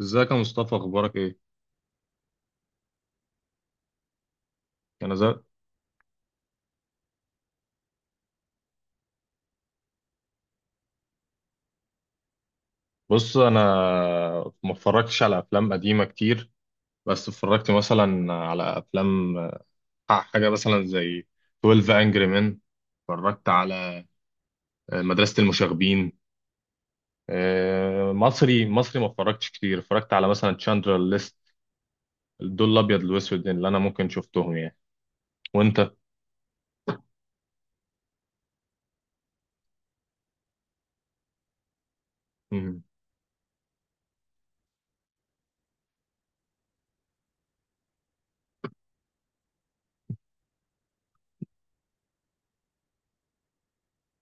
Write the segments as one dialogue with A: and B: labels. A: ازيك يا مصطفى اخبارك ايه؟ انا زي بص انا ما اتفرجتش على افلام قديمه كتير. بس اتفرجت مثلا على افلام، حاجه مثلا زي 12 انجري مان. اتفرجت على مدرسه المشاغبين. مصري مصري ما اتفرجتش كتير، اتفرجت على مثلا تشاندلر ليست. دول الابيض والاسود اللي انا ممكن شفتهم يعني. وانت؟ مم.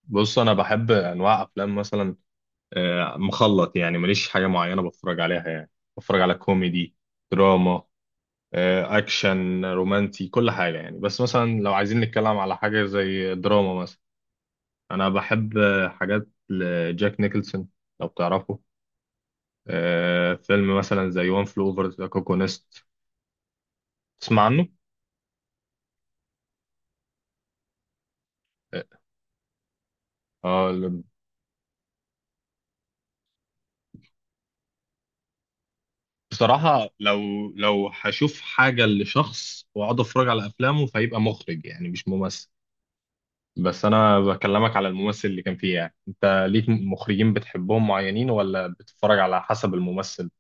A: بص انا بحب انواع افلام مثلا مخلط، يعني ماليش حاجة معينة بتفرج عليها يعني. بتفرج على كوميدي، دراما، أكشن، رومانسي، كل حاجة يعني. بس مثلا لو عايزين نتكلم على حاجة زي دراما مثلا، أنا بحب حاجات لجاك نيكلسون لو تعرفه. فيلم مثلا زي وان فلو اوفر ذا كوكونست، تسمع عنه؟ آه. بصراحة لو هشوف حاجة لشخص وأقعد أتفرج على أفلامه فيبقى مخرج يعني مش ممثل. بس انا بكلمك على الممثل اللي كان فيه، يعني انت ليك مخرجين بتحبهم معينين ولا بتتفرج على حسب الممثل؟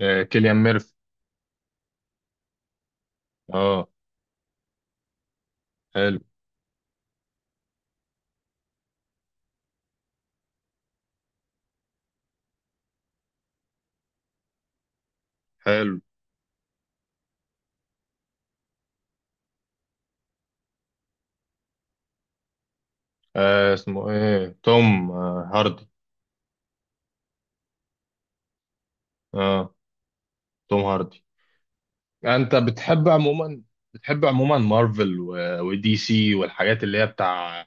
A: آه كيليان ميرفي. اه. حلو. حلو. اسمه ايه، توم هاردي. اه، توم هاردي. انت بتحب عموما بتحب عموما مارفل ودي سي والحاجات اللي هي بتاع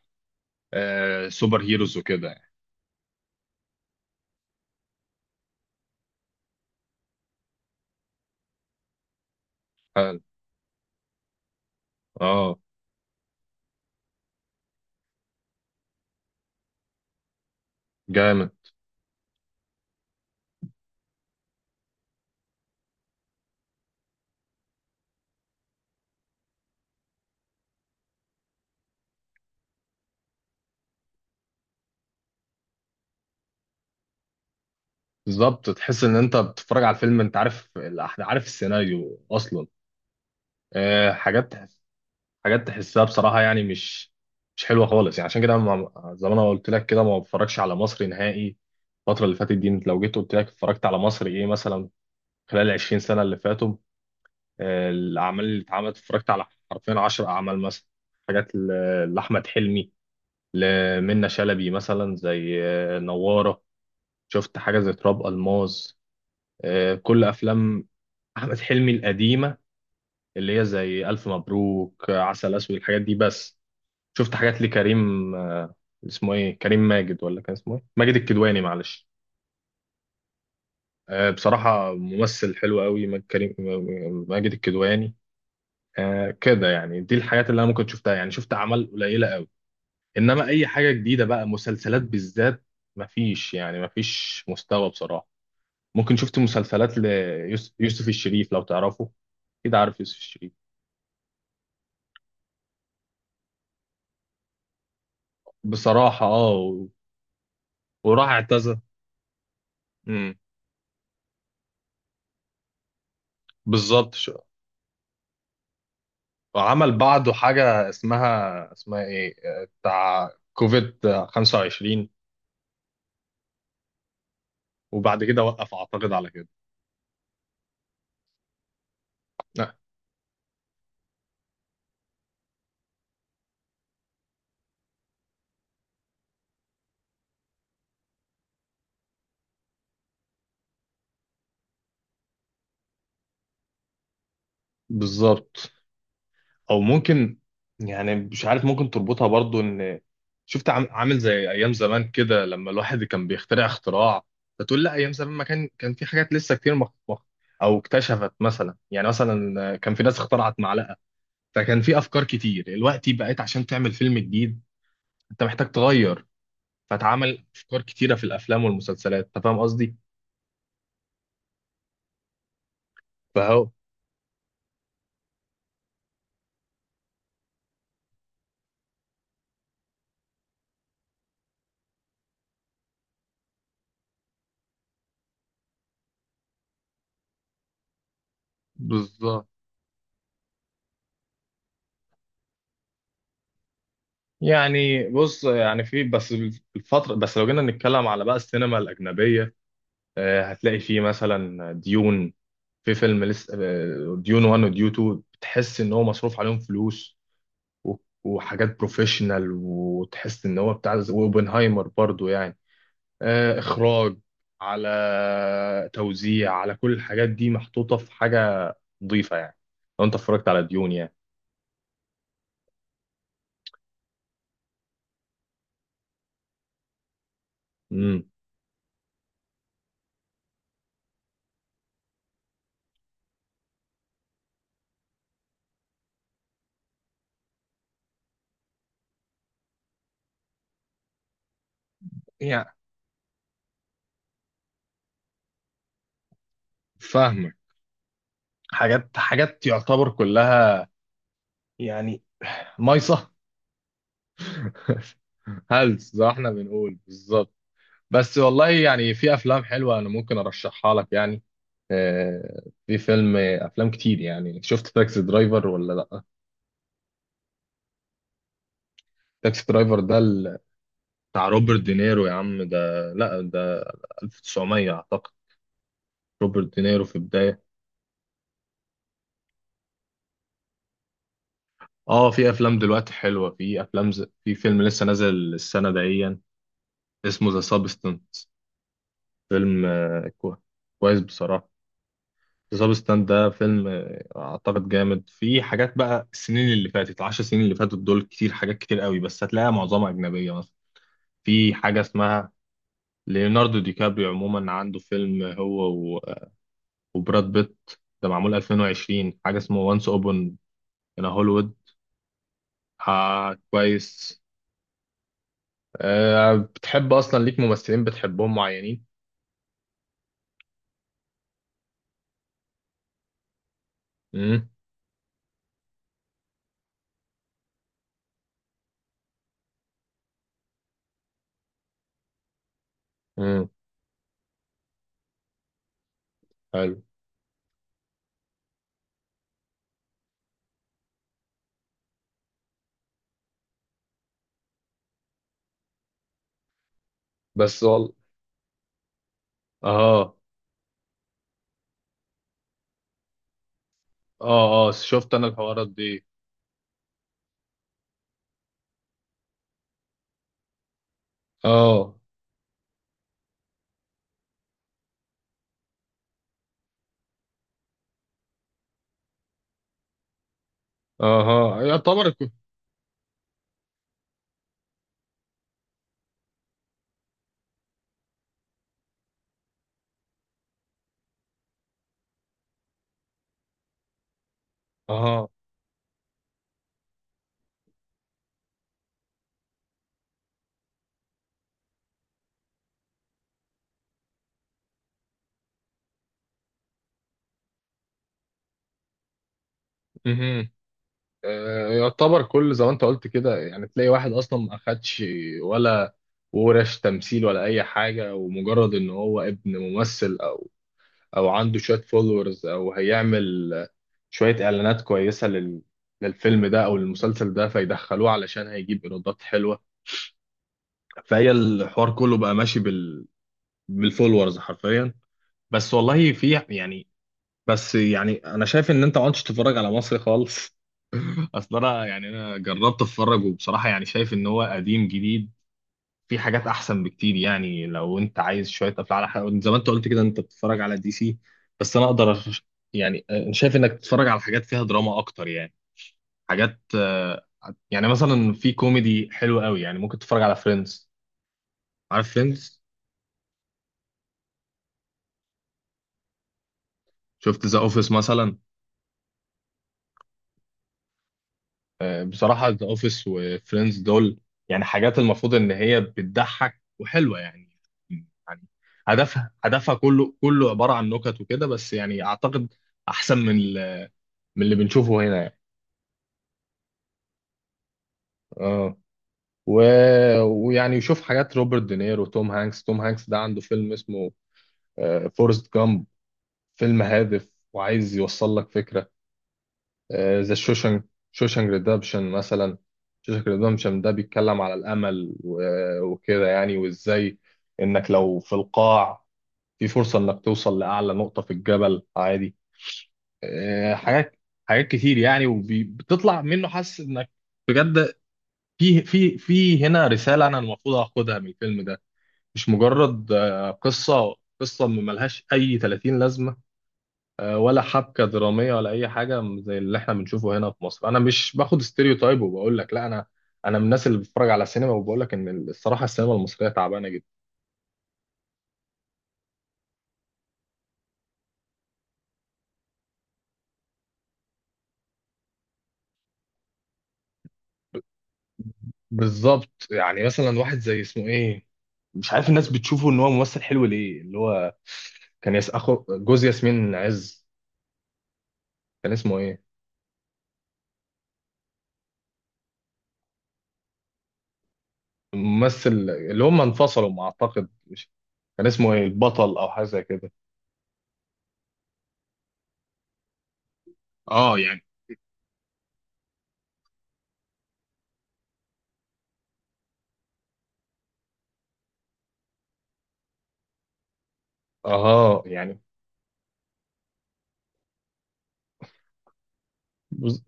A: سوبر هيروز وكده يعني. حلو. اه. جامد. بالظبط، تحس ان انت بتتفرج على الفيلم انت عارف عارف السيناريو اصلا. آه، حاجات حاجات تحسها بصراحة يعني مش حلوة خالص يعني، عشان كده زي ما انا قلت لك كده ما بتفرجش على مصري نهائي. الفترة اللي فاتت دي انت لو جيت قلت لك اتفرجت على مصري ايه مثلا خلال 20 سنة اللي فاتوا، الأعمال اللي اتعملت اتفرجت على حرفيا 10 أعمال مثلا. حاجات لأحمد حلمي، لمنى شلبي، مثلا زي نوارة، شفت حاجة زي تراب الماس. كل أفلام أحمد حلمي القديمة اللي هي زي ألف مبروك، عسل أسود، الحاجات دي بس. شفت حاجات لكريم، اسمه ايه، كريم ماجد ولا كان اسمه ايه، ماجد الكدواني، معلش. بصراحة ممثل حلو قوي ماجد كريم، ماجد الكدواني. كده يعني، دي الحاجات اللي انا ممكن شفتها يعني، شفت اعمال قليلة قوي. انما اي حاجة جديدة بقى، مسلسلات بالذات، مفيش يعني مفيش مستوى بصراحة. ممكن شفت مسلسلات ليوسف الشريف لو تعرفه، كده عارف يوسف الشريف. بصراحة اه وراح اعتزل. مم. بالظبط. وعمل بعده حاجة اسمها ايه، بتاع كوفيد 25. وبعد كده وقف اعتقد على كده. لا. بالظبط. او ممكن، يعني مش عارف، ممكن تربطها برضو ان شفت عامل زي ايام زمان كده، لما الواحد كان بيخترع اختراع فتقول لا، ايام زمان ما كان في حاجات لسه كتير او اكتشفت مثلا، يعني مثلا كان في ناس اخترعت معلقة. فكان في افكار كتير، دلوقتي بقيت عشان تعمل فيلم جديد انت محتاج تغير، فاتعمل افكار كتيره في الافلام والمسلسلات. انت فاهم قصدي؟ فهو بالظبط يعني. بص يعني في بس الفتره، بس لو جينا نتكلم على بقى السينما الاجنبيه، هتلاقي فيه مثلا ديون. في فيلم لسه، ديون 1 وديون 2، بتحس ان هو مصروف عليهم فلوس و- وحاجات بروفيشنال. وتحس ان هو بتاع، واوبنهايمر برضو يعني، اخراج، على توزيع، على كل الحاجات دي محطوطه في حاجه نظيفه يعني، لو انت اتفرجت على ديون يعني. امم. يعني فاهمك. حاجات يعتبر كلها يعني مايصه. هلس زي ما احنا بنقول، بالظبط. بس والله يعني في افلام حلوه انا ممكن ارشحها لك يعني. في فيلم افلام كتير يعني. شفت تاكسي درايفر ولا لا؟ تاكسي درايفر ده بتاع روبرت دينيرو يا عم، ده لا ده 1900 اعتقد، روبرت دينيرو في البداية. اه، في افلام دلوقتي حلوة، في افلام في فيلم لسه نازل السنة دهيا اسمه ذا سابستنت، فيلم كويس بصراحة. ذا سابستنت ده فيلم اعتقد جامد. في حاجات بقى، السنين اللي فاتت، العشر سنين اللي فاتت دول، كتير، حاجات كتير قوي، بس هتلاقيها معظمها اجنبية مثلا. في حاجة اسمها ليوناردو دي كابريو، عموما عنده فيلم هو وبراد بيت ده معمول 2020 حاجة اسمه وانس اوبن ان هوليوود. آه، كويس. بتحب أصلا ليك ممثلين بتحبهم معينين؟ امم. امم. حلو. بس والله. اه، اه، اه، شفت أنا الحوارات دي. اه. اه يعتبر اه. مهم. يعتبر كل زي ما انت قلت كده، يعني تلاقي واحد اصلا ما اخدش ولا ورش تمثيل ولا اي حاجه، ومجرد ان هو ابن ممثل او عنده شويه فولورز، او هيعمل شويه اعلانات كويسه للفيلم ده او المسلسل ده، فيدخلوه علشان هيجيب ايرادات حلوه. فهي الحوار كله بقى ماشي بالفولورز حرفيا. بس والله في يعني. بس يعني انا شايف ان انت ما عدتش تتفرج على مصري خالص. اصل انا، يعني انا جربت اتفرج وبصراحه يعني شايف ان هو قديم جديد، في حاجات احسن بكتير. يعني لو انت عايز شويه افلام، على حاجه زي ما انت قلت كده انت بتتفرج على دي سي، بس انا اقدر يعني أنا شايف انك تتفرج على حاجات فيها دراما اكتر يعني، حاجات يعني مثلا في كوميدي حلو قوي يعني، ممكن تتفرج على فريندز، عارف فريندز؟ شفت ذا اوفيس مثلا؟ بصراحه ذا اوفيس وفريندز دول، يعني حاجات المفروض ان هي بتضحك وحلوه يعني، يعني هدفها كله عباره عن نكت وكده بس، يعني اعتقد احسن من اللي بنشوفه هنا يعني. اه. و... ويعني يشوف حاجات روبرت دينيرو، توم هانكس ده عنده فيلم اسمه فورست جامب، فيلم هادف وعايز يوصل لك فكرة. ذا شوشنج، شوشنج ريدمبشن مثلا. شوشنج ريدمبشن ده بيتكلم على الأمل وكده يعني، وإزاي إنك لو في القاع في فرصة إنك توصل لأعلى نقطة في الجبل عادي. آه، حاجات حاجات كتير يعني، وبتطلع منه حاسس إنك بجد في هنا رسالة أنا المفروض آخدها من الفيلم ده، مش مجرد قصة ملهاش أي 30 لازمة، ولا حبكة درامية ولا أي حاجة زي اللي إحنا بنشوفه هنا في مصر. أنا مش باخد ستيريوتايب وبقول لك لا، أنا من الناس اللي بتتفرج على السينما، وبقول لك إن الصراحة السينما المصرية تعبانة جدا. بالظبط، يعني مثلا واحد زي اسمه إيه، مش عارف الناس بتشوفه إن هو ممثل حلو ليه، اللي هو كان يس أخو جوز ياسمين عز. كان اسمه إيه، ممثل، اللي هم انفصلوا ما أعتقد، مش كان اسمه إيه، البطل أو حاجة زي كده. اه يعني. اه يعني بز-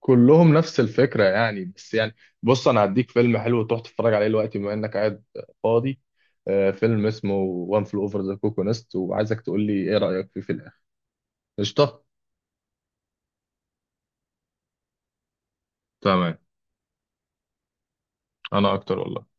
A: كلهم نفس الفكرة يعني، بس يعني بص انا هديك فيلم حلو تروح تتفرج عليه دلوقتي بما انك قاعد فاضي. آه، فيلم اسمه وان فل اوفر ذا كوكو نست، وعايزك تقول لي ايه رأيك فيه في الاخر. قشطة. تمام. انا اكتر والله.